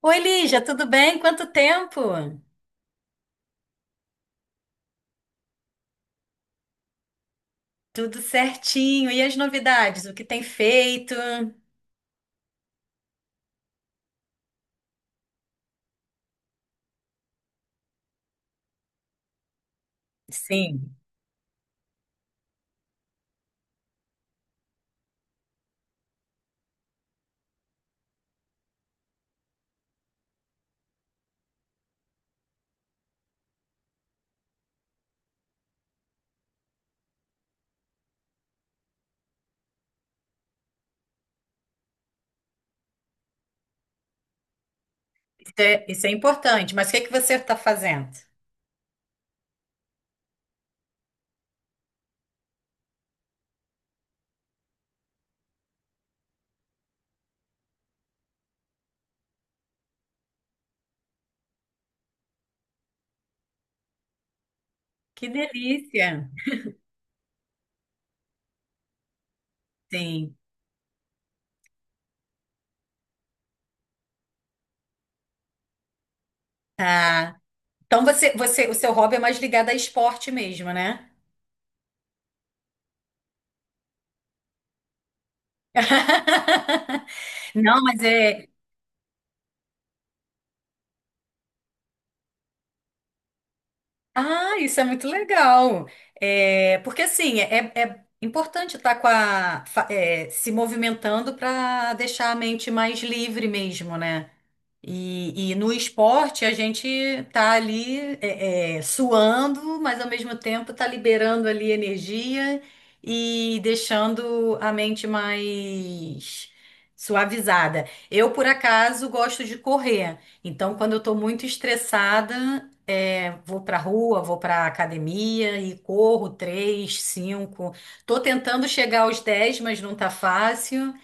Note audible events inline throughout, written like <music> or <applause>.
Oi, Lígia, tudo bem? Quanto tempo? Tudo certinho. E as novidades? O que tem feito? Sim, isso é importante. Mas o que é que você está fazendo? Que delícia! Sim. Tá. Então você, você, o seu hobby é mais ligado a esporte mesmo, né? <laughs> Não, mas é, Ah, isso é muito legal. É, porque assim, é, é importante estar com a, fa- é, se movimentando para deixar a mente mais livre mesmo, né? E no esporte a gente tá ali suando, mas ao mesmo tempo tá liberando ali energia e deixando a mente mais suavizada. Eu, por acaso, gosto de correr. Então, quando eu tô muito estressada, vou pra rua, vou pra academia e corro três, cinco. Tô tentando chegar aos 10, mas não tá fácil.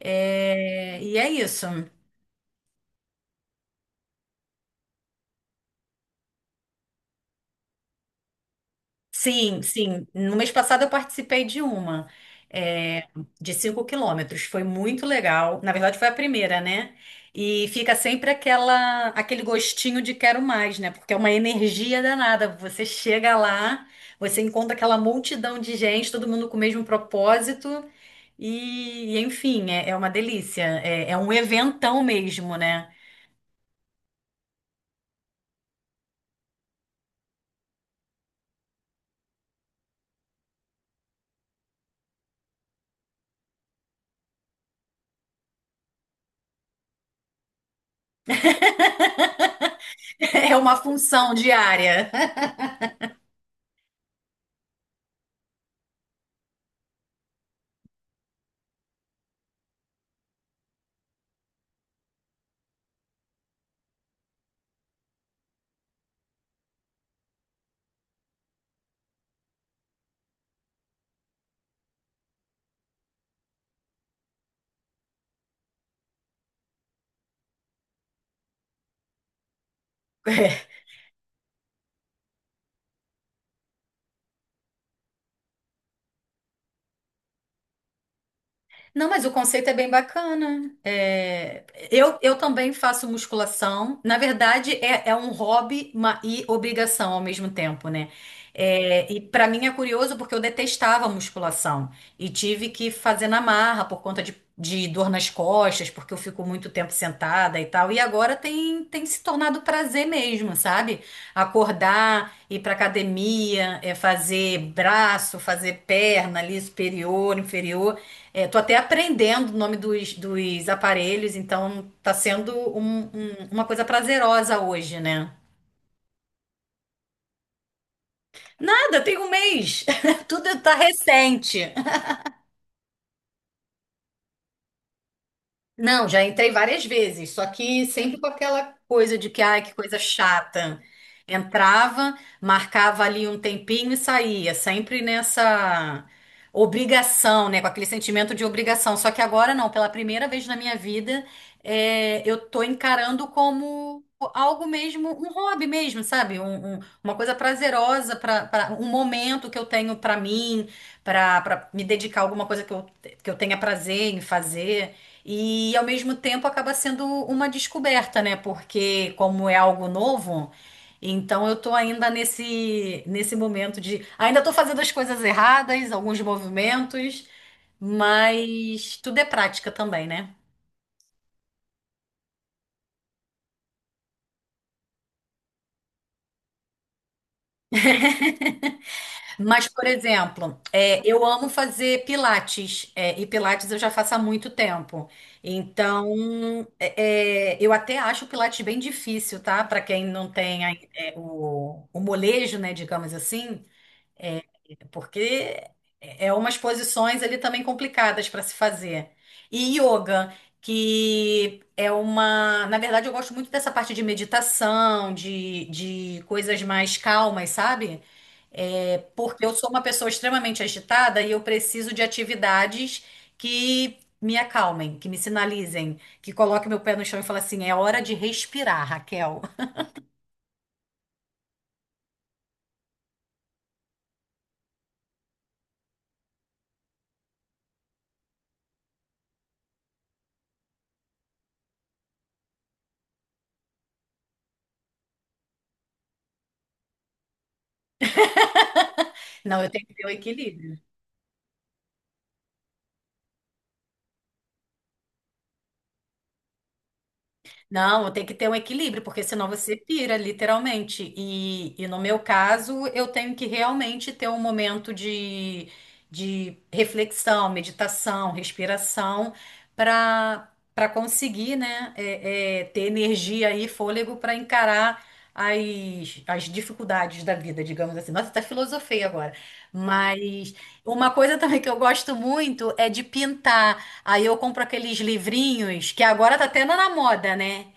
É, e é isso. Sim, sim. No mês passado eu participei de uma, é, de 5 km. Foi muito legal. Na verdade, foi a primeira, né? E fica sempre aquele gostinho de quero mais, né? Porque é uma energia danada. Você chega lá, você encontra aquela multidão de gente, todo mundo com o mesmo propósito. Enfim, é uma delícia. É um eventão mesmo, né? <laughs> É uma função diária. <laughs> Não, mas o conceito é bem bacana. Eu também faço musculação. Na verdade, é um hobby e obrigação ao mesmo tempo, né? E para mim é curioso porque eu detestava musculação e tive que fazer na marra por conta de dor nas costas, porque eu fico muito tempo sentada e tal. E agora tem se tornado prazer mesmo, sabe? Acordar, ir para academia, fazer braço, fazer perna ali superior, inferior. Tô até aprendendo o nome dos aparelhos, então tá sendo uma coisa prazerosa hoje, né? Nada, tem um mês. <laughs> Tudo tá recente. Não, já entrei várias vezes, só que sempre com aquela coisa de que, ai, que coisa chata. Entrava, marcava ali um tempinho e saía, sempre nessa obrigação, né? Com aquele sentimento de obrigação. Só que agora não, pela primeira vez na minha vida, eu tô encarando como algo mesmo, um hobby mesmo, sabe? Uma coisa prazerosa, um momento que eu tenho pra mim, pra pra me dedicar a alguma coisa que eu tenha prazer em fazer. E ao mesmo tempo acaba sendo uma descoberta, né? Porque como é algo novo, então eu tô ainda nesse momento de ainda tô fazendo as coisas erradas, alguns movimentos, mas tudo é prática também, né? Mas, por exemplo, eu amo fazer pilates, e pilates eu já faço há muito tempo. Então, eu até acho o pilates bem difícil, tá? Para quem não tem o molejo, né, digamos assim. Porque é umas posições ali também complicadas para se fazer. E yoga, que é uma. Na verdade, eu gosto muito dessa parte de meditação, de coisas mais calmas, sabe? Porque eu sou uma pessoa extremamente agitada e eu preciso de atividades que me acalmem, que me sinalizem, que coloquem meu pé no chão e falem assim: é hora de respirar, Raquel. <laughs> Não, eu tenho que ter o equilíbrio. Não, tem que ter um equilíbrio, porque senão você pira, literalmente. E no meu caso, eu tenho que realmente ter um momento de reflexão, meditação, respiração, para para conseguir, né, ter energia e fôlego para encarar as dificuldades da vida, digamos assim. Nossa, até filosofei agora. Mas uma coisa também que eu gosto muito é de pintar. Aí eu compro aqueles livrinhos que agora tá tendo na moda, né?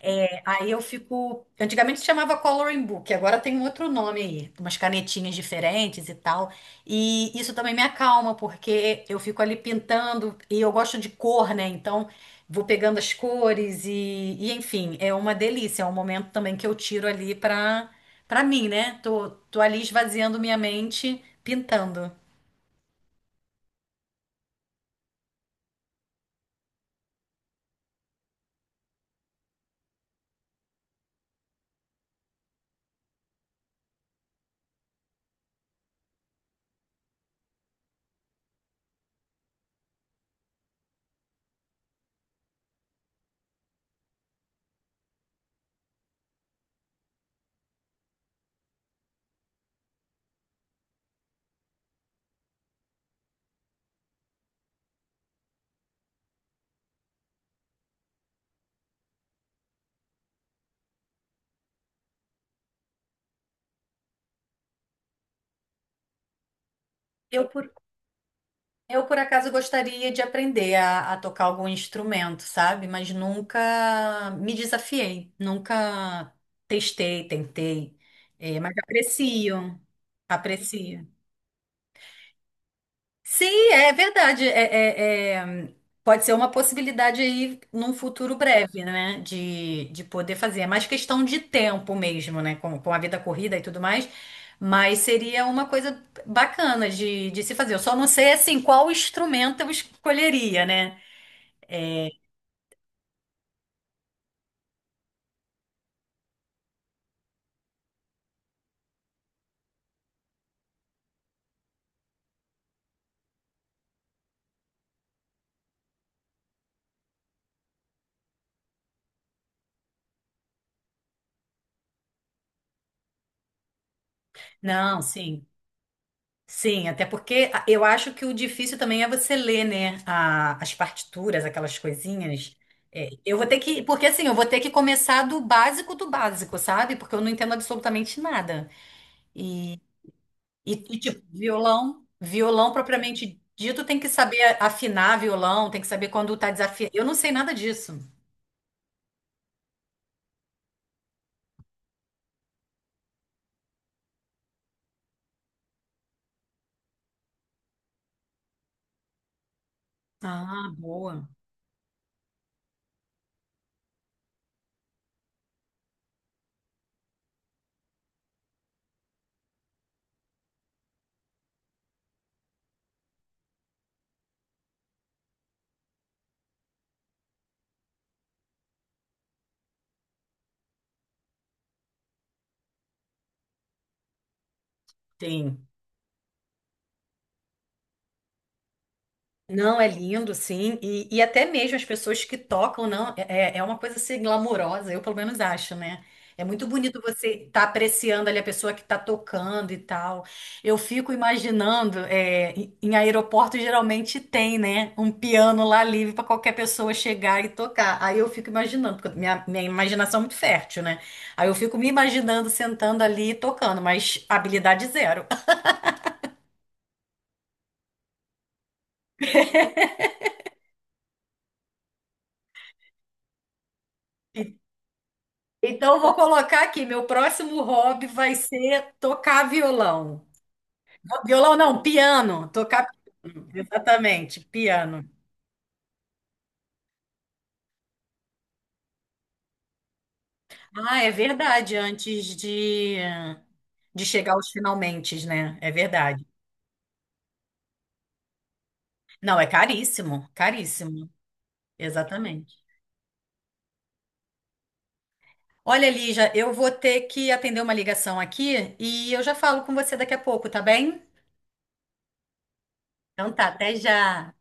Aí eu fico. Antigamente se chamava coloring book, agora tem um outro nome aí, umas canetinhas diferentes e tal. E isso também me acalma, porque eu fico ali pintando e eu gosto de cor, né? Então vou pegando as cores e enfim, é uma delícia. É um momento também que eu tiro ali pra mim, né? Tô ali esvaziando minha mente, pintando. Eu, por Eu, por acaso, gostaria de aprender a tocar algum instrumento, sabe? Mas nunca me desafiei, nunca testei, tentei. É, mas aprecio, aprecio. Sim, é verdade. Pode ser uma possibilidade aí num futuro breve, né? De poder fazer. É mais questão de tempo mesmo, né? Com a vida corrida e tudo mais. Mas seria uma coisa bacana de se fazer. Eu só não sei, assim, qual instrumento eu escolheria, né? Não, sim. Sim, até porque eu acho que o difícil também é você ler, né, as partituras, aquelas coisinhas. É, eu vou ter que, porque assim, eu vou ter que começar do básico, sabe? Porque eu não entendo absolutamente nada. E, tipo, violão, violão propriamente dito, tem que saber afinar violão, tem que saber quando tá desafiando. Eu não sei nada disso. Ah, boa. Tem. Não, é lindo, sim. E até mesmo as pessoas que tocam, não, é, é uma coisa assim glamourosa, eu pelo menos acho, né? É muito bonito você estar apreciando ali a pessoa que está tocando e tal. Eu fico imaginando, é, em aeroporto geralmente tem, né, um piano lá livre para qualquer pessoa chegar e tocar. Aí eu fico imaginando, porque minha imaginação é muito fértil, né? Aí eu fico me imaginando sentando ali e tocando, mas habilidade zero. Então, eu vou colocar aqui, meu próximo hobby vai ser tocar violão. Não, violão não, piano. Tocar piano. Exatamente, piano. Ah, é verdade, antes de chegar aos finalmente, né? É verdade. Não, é caríssimo, caríssimo. Exatamente. Olha, Lígia, eu vou ter que atender uma ligação aqui e eu já falo com você daqui a pouco, tá bem? Então tá, até já.